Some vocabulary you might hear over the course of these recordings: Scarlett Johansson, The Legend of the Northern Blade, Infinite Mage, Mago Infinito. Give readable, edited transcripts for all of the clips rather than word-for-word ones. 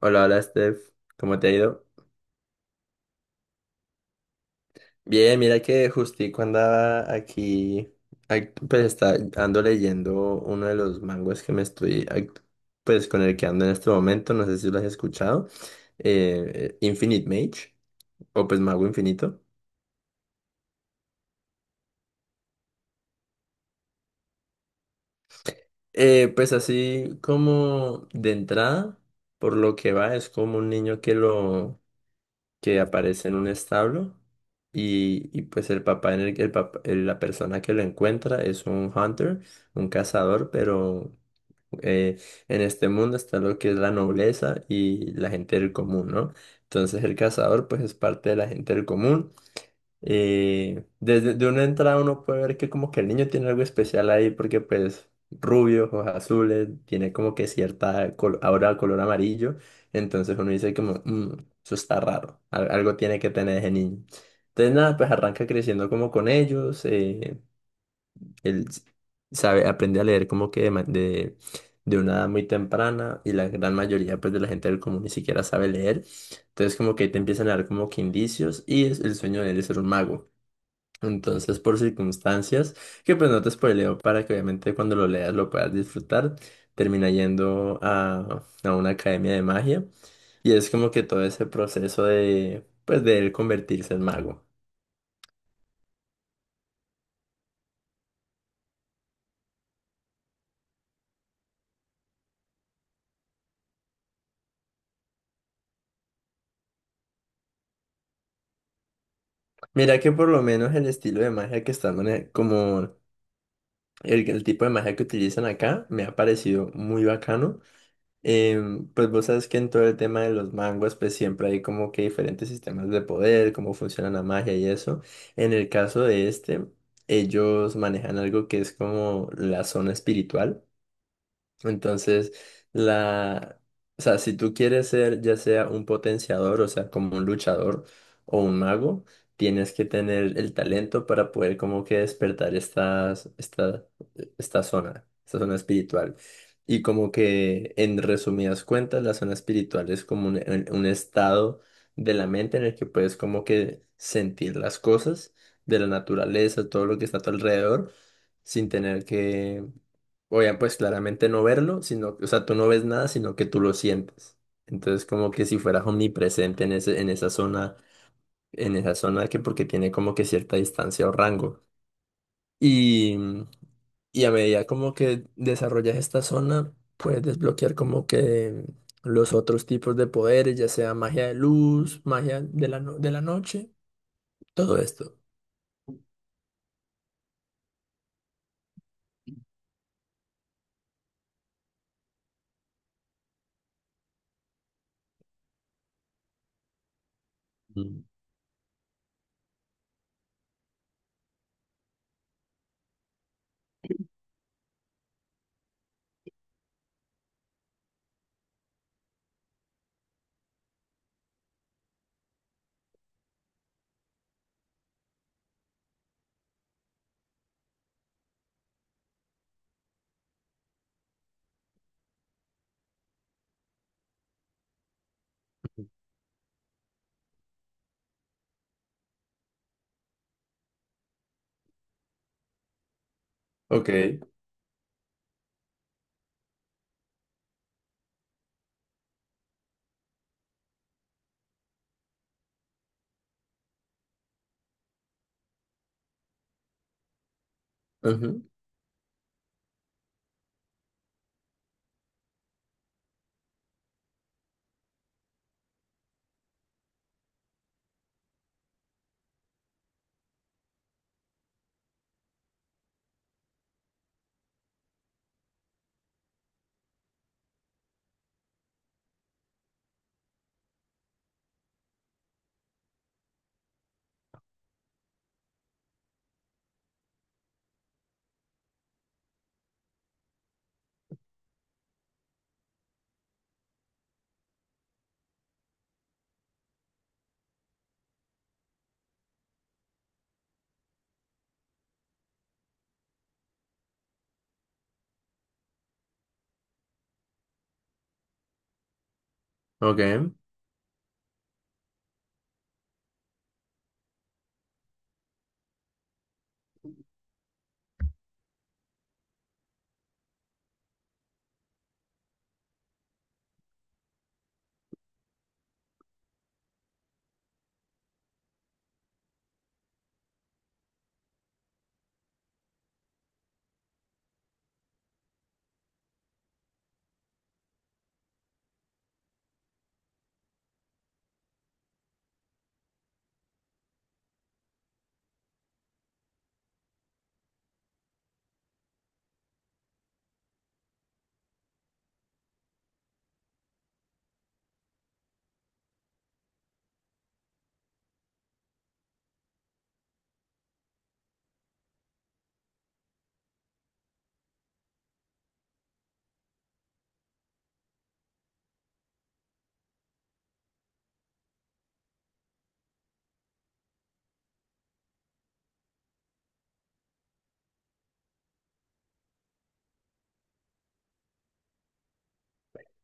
Hola, hola Steph, ¿cómo te ha ido? Bien, mira que justico andaba aquí, pues está, ando leyendo uno de los manguas que me estoy, pues con el que ando en este momento, no sé si lo has escuchado, Infinite Mage, o pues Mago Infinito. Pues así como de entrada, por lo que va, es como un niño que lo que aparece en un establo y pues el papá en el papá- el- la persona que lo encuentra es un hunter, un cazador, pero eh, en este mundo está lo que es la nobleza y la gente del común, ¿no? Entonces el cazador pues es parte de la gente del común y desde de una entrada uno puede ver que como que el niño tiene algo especial ahí porque pues rubio, ojos azules, tiene como que cierta aura de color amarillo. Entonces uno dice como, "Mm, eso está raro, algo tiene que tener ese niño. Entonces nada, pues arranca creciendo como con ellos. Él s- Sabe, aprende a leer como que de una edad muy temprana y la gran mayoría pues de la gente del común ni siquiera sabe leer. Entonces como que ahí te empiezan a dar como que indicios y es, el sueño de él es ser un mago. Entonces, por circunstancias, que pues no te spoileo para que obviamente cuando lo leas lo puedas disfrutar, termina yendo a una academia de magia y es como que todo ese proceso de, pues, de él convertirse en mago. Mira que por lo menos el estilo de magia que están, como el tipo de magia que utilizan acá, me ha parecido muy bacano. Pues vos sabes que en todo el tema de los manguas, pues siempre hay como que diferentes sistemas de poder, cómo funciona la magia y eso. En el caso de este, ellos manejan algo que es como la zona espiritual. Entonces, la, o sea, si tú quieres ser ya sea un potenciador, o sea, como un luchador o un mago, tienes que tener el talento para poder como que despertar estas, esta, esta zona espiritual. Y como que en resumidas cuentas, la zona espiritual es como un estado de la mente en el que puedes como que sentir las cosas de la naturaleza, todo lo que está a tu alrededor, sin tener que. Obviamente, pues claramente no verlo, sino, o sea, tú no ves nada, sino que tú lo sientes. Entonces, como que si fueras omnipresente en ese, en esa zona que porque tiene como que cierta distancia o rango. Y, y a medida como que desarrollas esta zona, puedes desbloquear como que los otros tipos de poderes, ya sea magia de luz, magia de la, de la noche, todo esto. Mm. Ok. Ujú, Ok.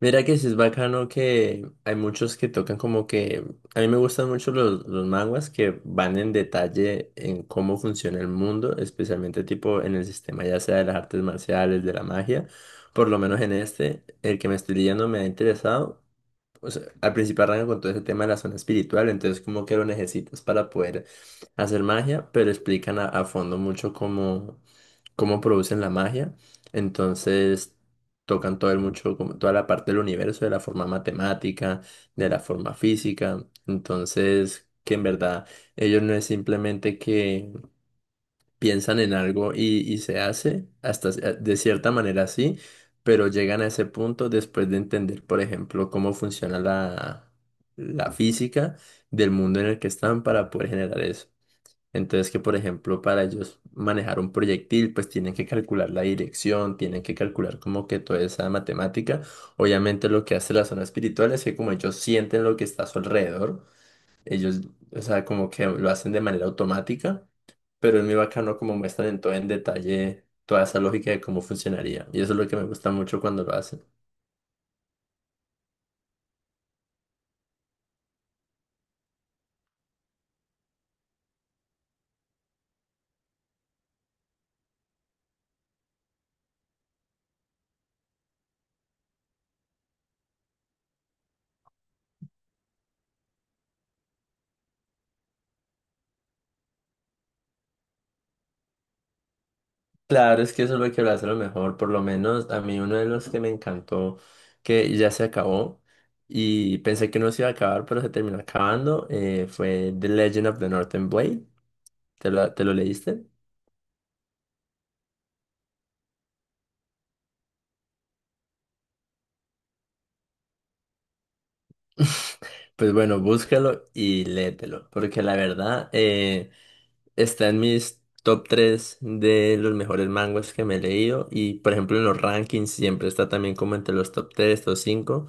Mira que sí es bacano que hay muchos que tocan como que... A mí me gustan mucho los manguas que van en detalle en cómo funciona el mundo, especialmente tipo en el sistema ya sea de las artes marciales, de la magia. Por lo menos en este, el que me estoy leyendo me ha interesado, o sea, al principio arranca con todo ese tema de la zona espiritual, entonces como que lo necesitas para poder hacer magia, pero explican a fondo mucho cómo, cómo producen la magia, entonces tocan todo el mucho, como toda la parte del universo, de la forma matemática, de la forma física, entonces que en verdad ellos no es simplemente que piensan en algo y se hace hasta de cierta manera así, pero llegan a ese punto después de entender, por ejemplo, cómo funciona la, la física del mundo en el que están para poder generar eso. Entonces que, por ejemplo, para ellos manejar un proyectil, pues tienen que calcular la dirección, tienen que calcular como que toda esa matemática. Obviamente lo que hace la zona espiritual es que como ellos sienten lo que está a su alrededor, ellos, o sea, como que lo hacen de manera automática, pero es muy bacano como muestran en todo en detalle toda esa lógica de cómo funcionaría. Y eso es lo que me gusta mucho cuando lo hacen. Claro, es que eso es lo que lo hace lo mejor. Por lo menos a mí uno de los que me encantó, que ya se acabó y pensé que no se iba a acabar, pero se terminó acabando, fue The Legend of the Northern Blade. Te lo leíste? Pues bueno, búscalo y léetelo, porque la verdad... Está en mis top 3 de los mejores manguas que me he leído y por ejemplo en los rankings siempre está también como entre los top 3, top 5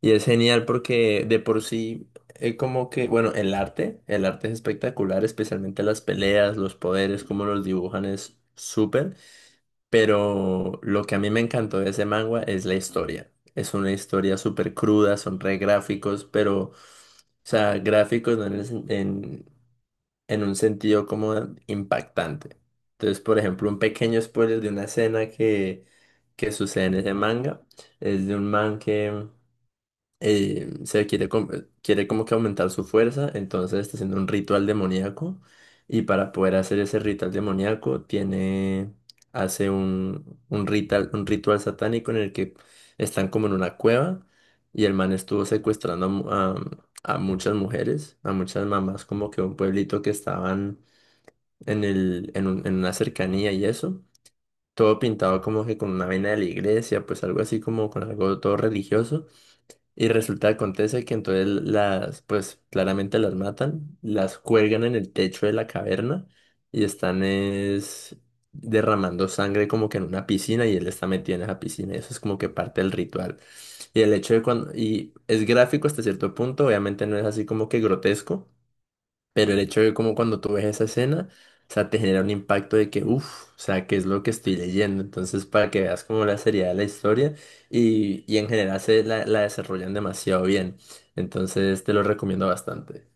y es genial porque de por sí como que bueno el arte es espectacular, especialmente las peleas, los poderes, cómo los dibujan es súper, pero lo que a mí me encantó de ese manga es la historia. Es una historia súper cruda, son re gráficos pero... O sea, gráficos no en, en un sentido como impactante. Entonces, por ejemplo, un pequeño spoiler de una escena que sucede en ese manga es de un man que se quiere, quiere como que aumentar su fuerza, entonces está haciendo un ritual demoníaco y para poder hacer ese ritual demoníaco tiene, hace un ritual satánico en el que están como en una cueva y el man estuvo secuestrando a, a muchas mujeres, a muchas mamás como que de un pueblito que estaban en el, en una cercanía y eso. Todo pintado como que con una vaina de la iglesia, pues algo así como con algo todo religioso. Y resulta, acontece que entonces las, pues claramente las matan, las cuelgan en el techo de la caverna y están es derramando sangre como que en una piscina y él está metido en esa piscina. Eso es como que parte del ritual. Y el hecho de cuando, y es gráfico hasta cierto punto, obviamente no es así como que grotesco, pero el hecho de como cuando tú ves esa escena, o sea, te genera un impacto de que, uff, o sea, ¿qué es lo que estoy leyendo? Entonces, para que veas como la seriedad de la historia y en general se la, la desarrollan demasiado bien. Entonces, te lo recomiendo bastante.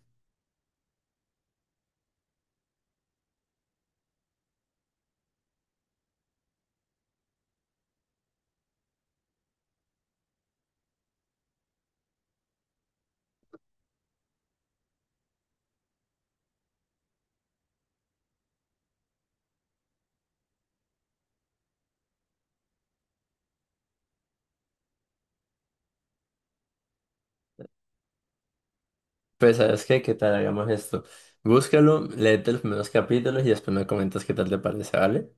Pues, ¿sabes qué? ¿Qué tal hagamos esto? Búscalo, léete los primeros capítulos y después me comentas qué tal te parece, ¿vale?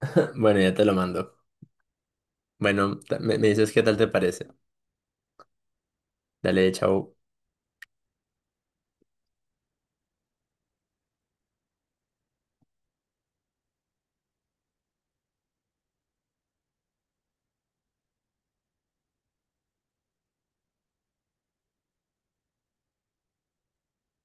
Bueno, ya te lo mando. Bueno, me, me dices qué tal te parece. Dale, chao.